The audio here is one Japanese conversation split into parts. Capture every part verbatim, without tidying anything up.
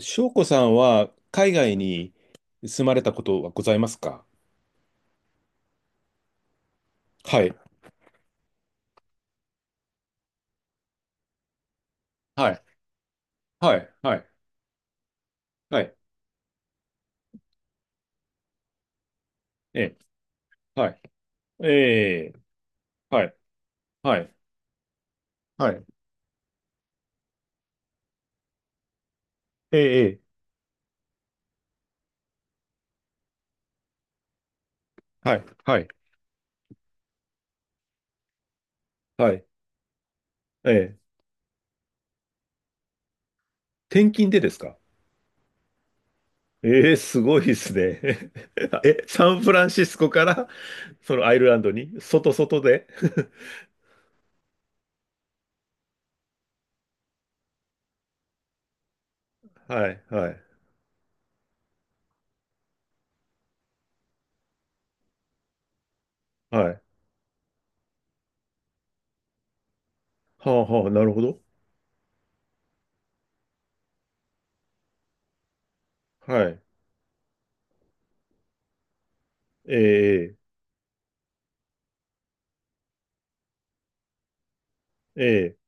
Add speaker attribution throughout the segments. Speaker 1: 翔子さんは海外に住まれたことはございますか？はい。はい。はい。はい。はい。ええ。はい。ええ。はい。はい。はい。ええ。ええ、はい。はい。はい。ええ。転勤でですか？ええ、すごいですね。え、サンフランシスコから、そのアイルランドに、外外で。 はい。はい。はい。はあはあ、なるほど。はい。ええ。ええ。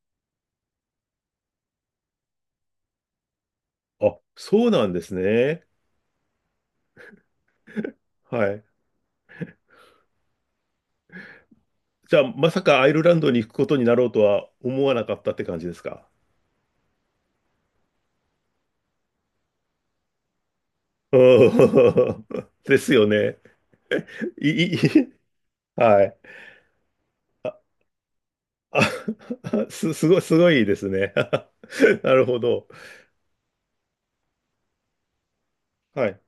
Speaker 1: あ、そうなんですね。はい。じゃあ、まさかアイルランドに行くことになろうとは思わなかったって感じですか？うん。 ですよね。い、い、い はい。あ、す、すごい、すごいですね。なるほど。はい、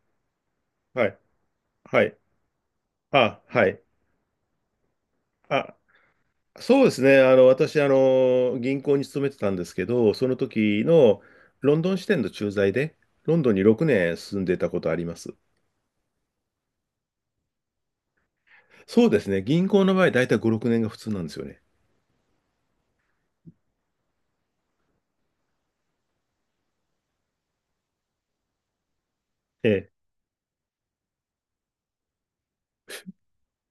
Speaker 1: はい、はい。あ、はい。あ、そうですね。あの、私、あの、銀行に勤めてたんですけど、その時のロンドン支店の駐在で、ロンドンにろくねん住んでたことあります。そうですね。銀行の場合、だいたいご、ろくねんが普通なんですよね。ええ。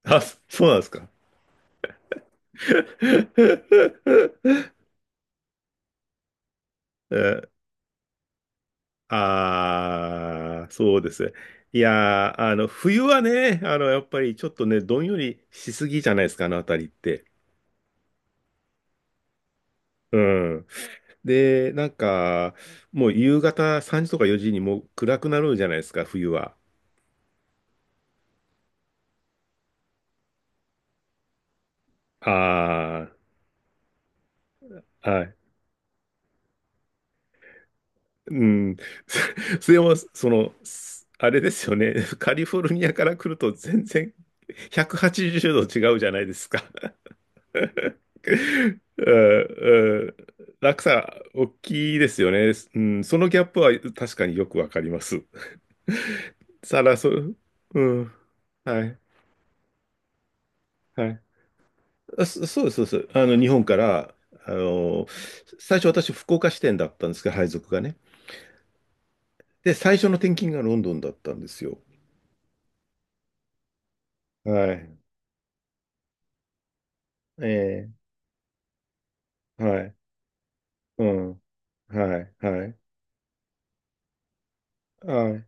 Speaker 1: あ、そそうなんですか。え、ああー、そうですね。いやー、あの、冬はね、あの、やっぱりちょっとね、どんよりしすぎじゃないですか、あのあたりって。うん。で、なんか、もう夕方さんじとかよじにもう暗くなるじゃないですか、冬は。ああ、はい。うん。それも、その、すあれですよね。カリフォルニアから来ると全然ひゃくはちじゅうど違うじゃないですか。うんうん。落差、大きいですよね。うん、そのギャップは確かによくわかります。さら、そ、うん。はい、はい。あ、そそうです、そうです。あの、日本から、あの、最初私、福岡支店だったんですけど、配属がね。で、最初の転勤がロンドンだったんですよ。はい。ええ、はい。うん。はい、はい。はい。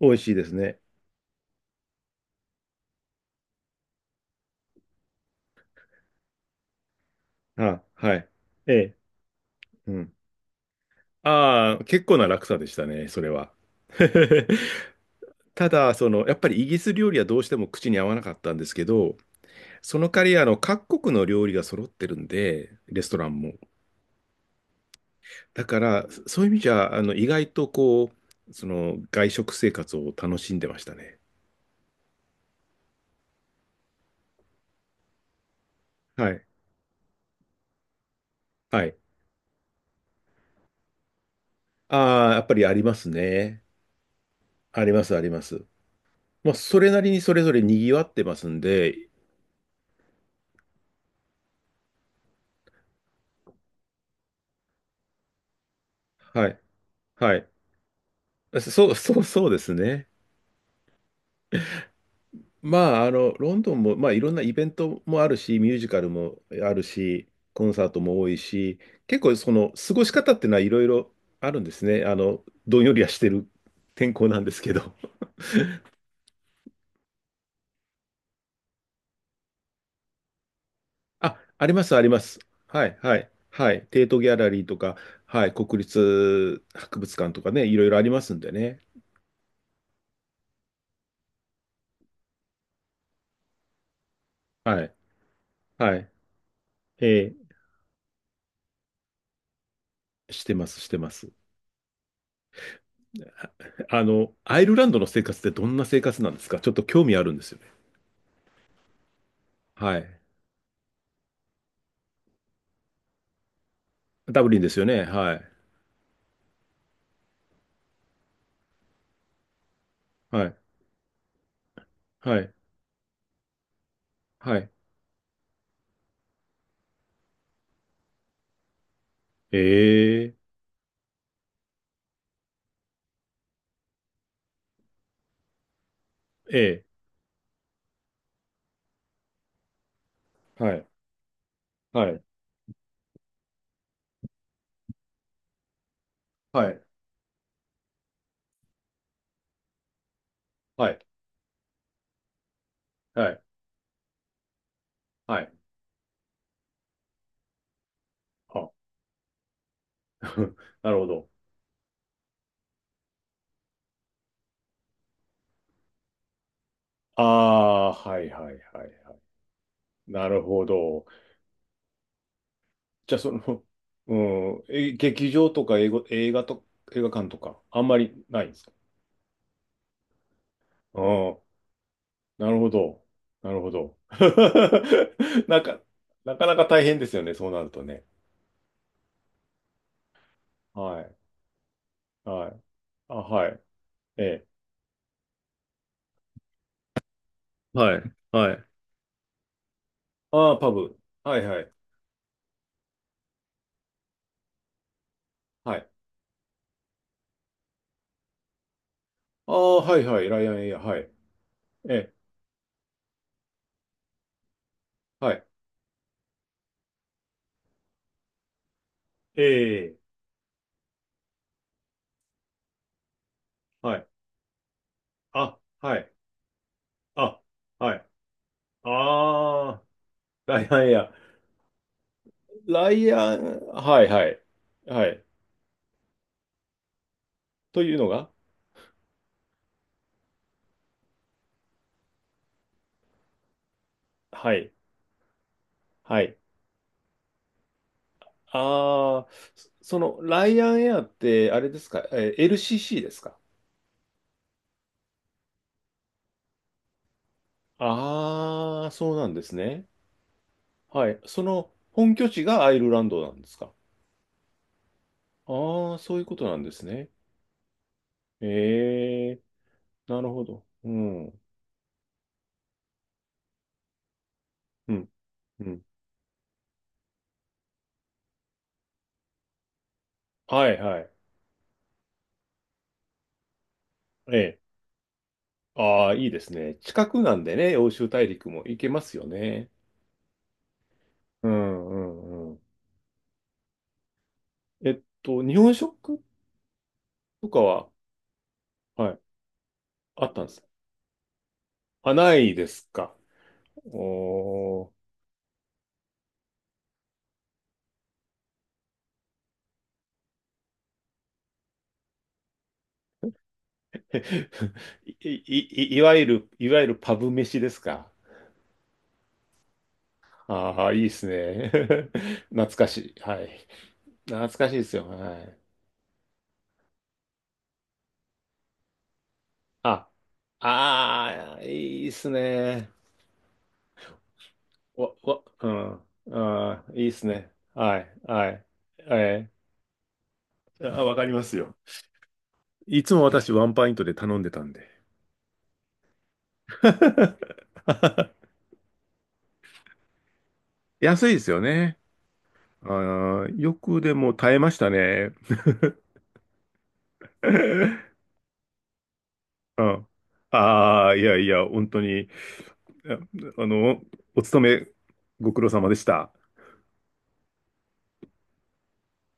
Speaker 1: 美味しいですね。あ、はい。ええ。うん。ああ、結構な落差でしたね、それは。ただ、その、やっぱりイギリス料理はどうしても口に合わなかったんですけど、その代わり、あの、各国の料理が揃ってるんで、レストランも。だから、そういう意味じゃ、あの、意外とこう、その、外食生活を楽しんでましたね。はい。はい。ああ、やっぱりありますね。あります、あります。まあ、それなりにそれぞれ賑わってますんで、はい。はい。そそう、そう、そうですね。まあ、あの、ロンドンも、まあ、いろんなイベントもあるし、ミュージカルもあるし、コンサートも多いし、結構その過ごし方っていうのはいろいろあるんですね。あの、どんよりはしてる天候なんですけど。あ、あります、あります。はい、はい、はい。テートギャラリーとか、はい、国立博物館とかね、いろいろありますんでね。はい、はい。えーしてます、してます。ああの、アイルランドの生活ってどんな生活なんですか？ちょっと興味あるんですよね。はい。ダブリンですよね。はい。はい、はい、はい。ええええ、はいはいはいはい。はいはい、あ。 なるほど。ああ、はいはいはいはい、なるほど。じゃあ、その、うん、え、劇場とか映画映画と、映画館とか、あんまりないんですか？ああ、なるほど。なるほど。なんか、なかなか大変ですよね、そうなるとね。はい、はい。あ、はい。ええ。はい、はい。ああ、パブ。はいはい。はい。ああ、はいはい、ライアンエア、はい。え、はい。ええ、はい。あ、はい。あ、はい。ああ、ライアンエア。ライアン、はいはい。はい。というのが、はい。はい。ああ、そその、ライアンエアって、あれですか、えー エルシーシー ですか？ああ、そうなんですね。はい。その、本拠地がアイルランドなんですか？ああー、そういうことなんですね。ええ、なるほど。うん。うん。うん。はいはい。ええ。ああ、いいですね。近くなんでね、欧州大陸も行けますよね。うんうんうん。えっと、日本食とかは、はい、あったんです。あ、ないですか。おー。い、い、いいわゆる、いわゆるパブ飯ですか？ああ、いいですね。懐かしい。はい。懐かしいですよ。はい。あ、ああ、いいですね。わ、わ、うん。ああ、いいっすね。はい、はい。えー、あ、わかりますよ。いつも私ワンパイントで頼んでたんで。安いですよね。あー、よくでも耐えましたね。うん。ああ、いやいや、本当に、ああの、お勤めご苦労様でした。